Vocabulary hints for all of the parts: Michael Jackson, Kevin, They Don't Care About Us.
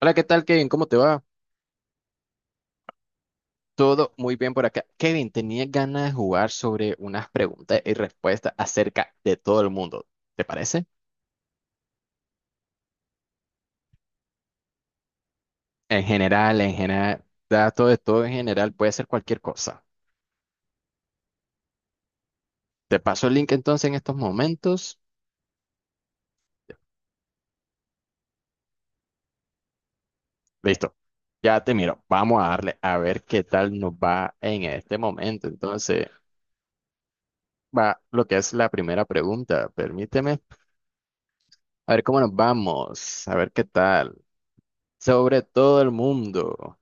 Hola, ¿qué tal, Kevin? ¿Cómo te va? Todo muy bien por acá. Kevin, tenía ganas de jugar sobre unas preguntas y respuestas acerca de todo el mundo. ¿Te parece? En general, datos de todo en general, puede ser cualquier cosa. Te paso el link entonces en estos momentos. Listo. Ya te miro. Vamos a darle a ver qué tal nos va en este momento. Entonces, va lo que es la primera pregunta. Permíteme. A ver cómo nos vamos. A ver qué tal. Sobre todo el mundo.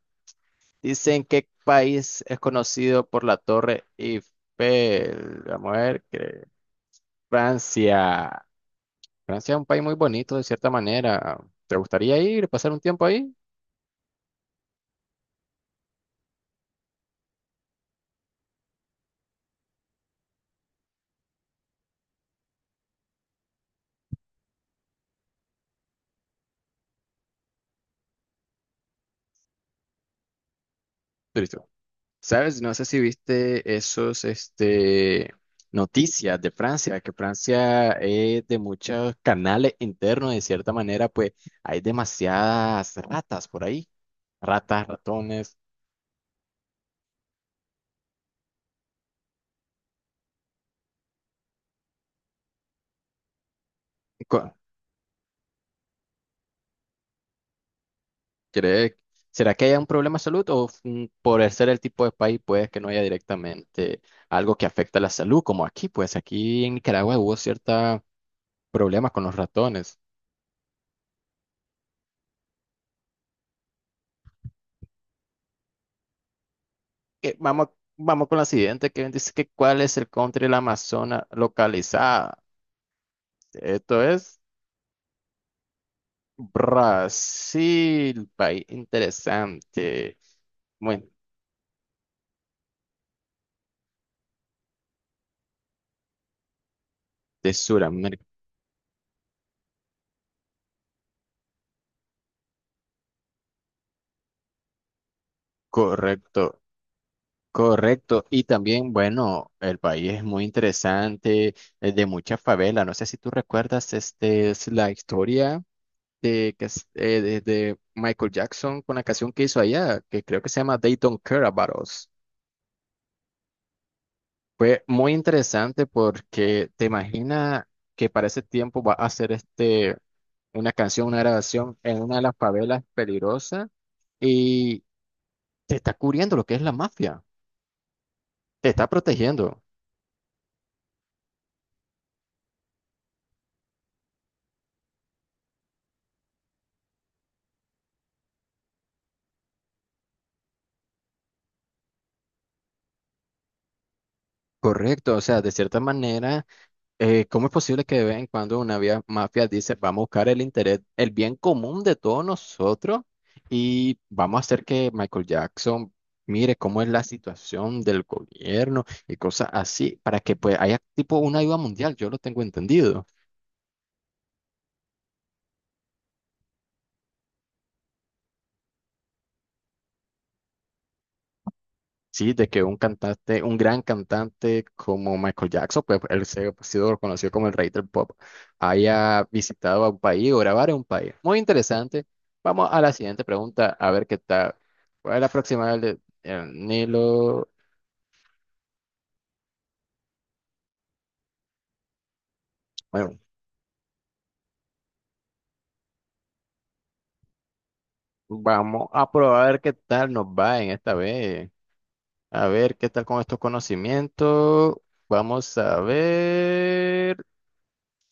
Dicen qué país es conocido por la Torre Eiffel. Vamos a ver, Francia. Francia es un país muy bonito de cierta manera. ¿Te gustaría ir, pasar un tiempo ahí? Listo. ¿Sabes? No sé si viste noticias de Francia, que Francia es de muchos canales internos, de cierta manera, pues hay demasiadas ratas por ahí. Ratas, ratones. Co- ¿Cree- ¿Será que haya un problema de salud o por el ser el tipo de país puede que no haya directamente algo que afecta a la salud? Como aquí, pues aquí en Nicaragua hubo cierta problemas con los ratones. Eh, vamos, vamos con la siguiente, que dice que cuál es el country de la Amazona localizada. Esto es Brasil, país interesante. Bueno, de Sudamérica, correcto. Correcto. Y también, bueno, el país es muy interesante, es de muchas favelas. No sé si tú recuerdas es la historia de, que, es- de Michael Jackson con la canción que hizo allá, que creo que se llama They Don't Care About Us. Fue muy interesante porque te imaginas que para ese tiempo va a hacer una canción, una grabación en una de las favelas peligrosas y te está cubriendo lo que es la mafia, te está protegiendo. Correcto, o sea, de cierta manera. ¿Cómo es posible que de vez en cuando una mafia dice, vamos a buscar el interés, el bien común de todos nosotros y vamos a hacer que Michael Jackson mire cómo es la situación del gobierno y cosas así para que pues haya tipo una ayuda mundial? Yo lo tengo entendido. Sí, de que un cantante, un gran cantante como Michael Jackson, pues él se ha sido reconocido como el rey del pop, haya visitado a un país o grabar en un país. Muy interesante. Vamos a la siguiente pregunta, a ver qué tal. ¿Cuál es la próxima del el Nilo? Bueno, vamos a probar a ver qué tal nos va en esta vez. A ver qué tal con estos conocimientos. Vamos a ver.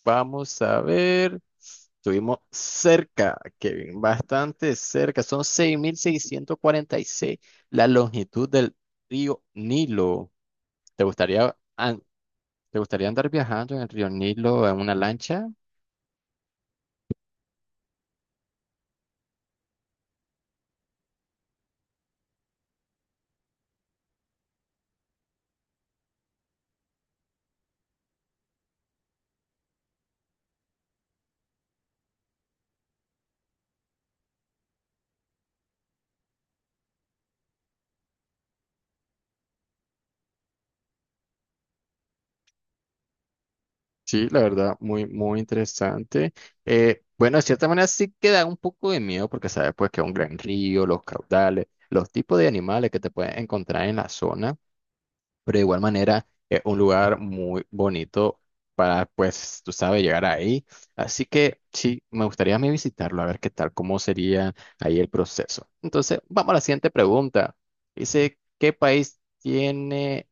Vamos a ver. Estuvimos cerca, Kevin, bastante cerca. Son 6.646 la longitud del río Nilo. ¿Te gustaría, an- ¿Te gustaría andar viajando en el río Nilo en una lancha? Sí, la verdad, muy, muy interesante. Bueno, de cierta manera sí que da un poco de miedo porque sabes pues que es un gran río, los caudales, los tipos de animales que te pueden encontrar en la zona, pero de igual manera es un lugar muy bonito para, pues, tú sabes, llegar ahí. Así que sí, me gustaría a mí visitarlo, a ver qué tal, cómo sería ahí el proceso. Entonces, vamos a la siguiente pregunta. Dice, ¿qué país tiene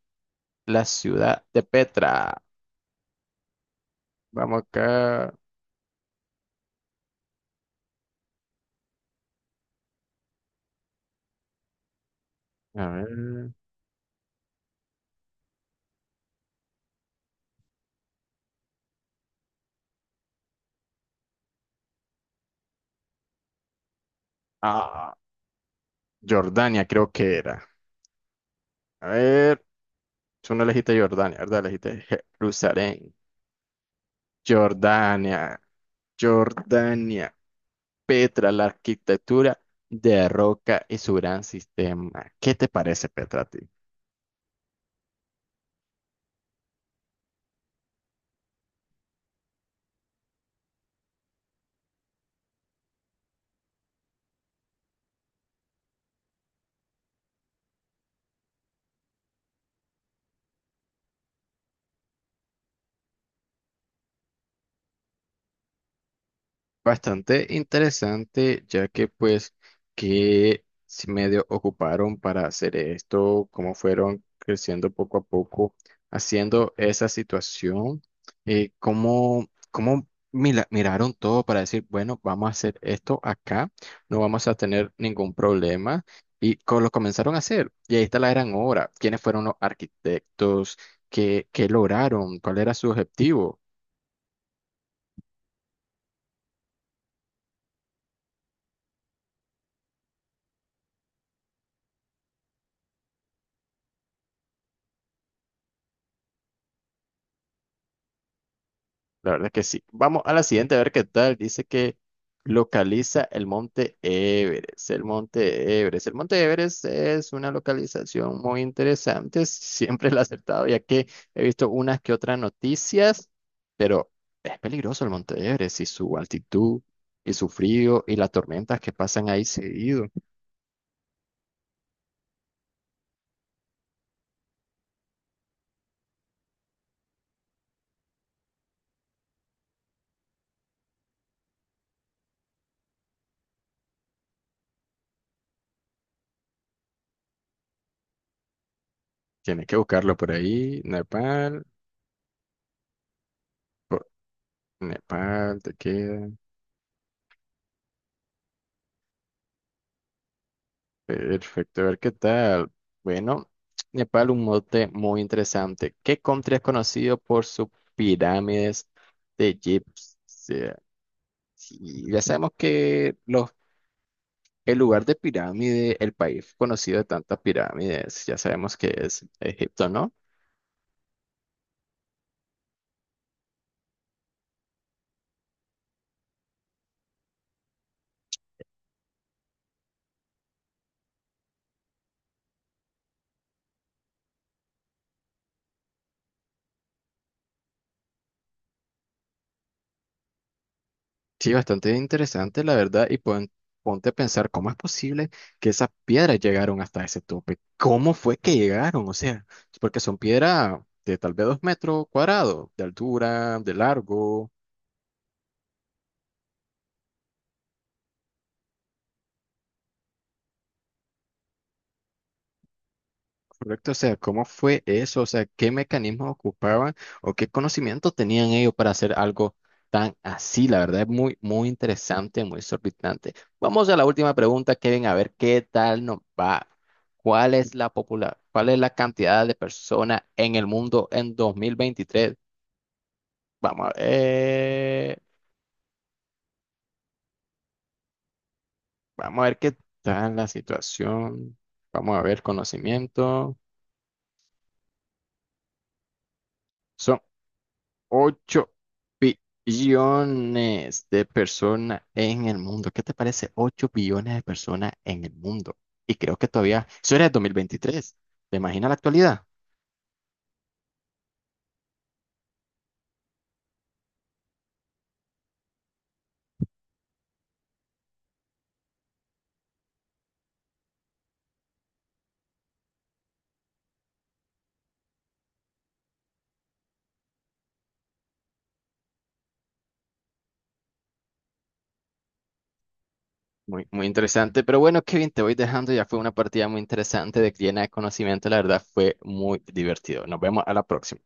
la ciudad de Petra? Vamos acá. A ver. Ah, Jordania creo que era. A ver, tú no elegiste Jordania, ¿verdad? Elegiste Jerusalén. Jordania. Jordania. Petra, la arquitectura de roca y su gran sistema. ¿Qué te parece, Petra, a ti? Bastante interesante, ya que pues que si medio ocuparon para hacer esto, cómo fueron creciendo poco a poco, haciendo esa situación, cómo miraron todo para decir, bueno, vamos a hacer esto acá, no vamos a tener ningún problema, y lo comenzaron a hacer, y ahí está la gran obra, quiénes fueron los arquitectos, qué lograron, cuál era su objetivo. La verdad que sí. Vamos a la siguiente a ver qué tal. Dice que localiza el monte Everest. El monte Everest. El monte Everest es una localización muy interesante. Siempre la he acertado, ya que he visto unas que otras noticias, pero es peligroso el monte Everest y su altitud y su frío y las tormentas que pasan ahí seguido. Tienes que buscarlo por ahí. Nepal. por- Nepal, te queda. Perfecto, a ver qué tal. Bueno, Nepal, un mote muy interesante. ¿Qué country es conocido por sus pirámides de Egipcia? Sí, ya sabemos que el lugar de pirámide, el país conocido de tantas pirámides, ya sabemos que es Egipto, ¿no? Sí, bastante interesante, la verdad, y ponte a pensar cómo es posible que esas piedras llegaron hasta ese tope. ¿Cómo fue que llegaron? O sea, porque son piedras de tal vez dos metros cuadrados de altura, de largo. Correcto, o sea, ¿cómo fue eso? O sea, ¿qué mecanismos ocupaban o qué conocimientos tenían ellos para hacer algo tan así? La verdad es muy, muy interesante, muy exorbitante. Vamos a la última pregunta, Kevin, a ver qué tal nos va. ¿Cuál es la popular, cuál es la cantidad de personas en el mundo en 2023? Vamos a ver, vamos a ver qué tal la situación. Vamos a ver conocimiento. Son 8 billones de personas en el mundo. ¿Qué te parece? 8 billones de personas en el mundo. Y creo que todavía, eso era el 23. ¿Te imaginas la actualidad? Muy, muy interesante. Pero bueno, Kevin, te voy dejando. Ya fue una partida muy interesante de llena de conocimiento. La verdad fue muy divertido. Nos vemos a la próxima.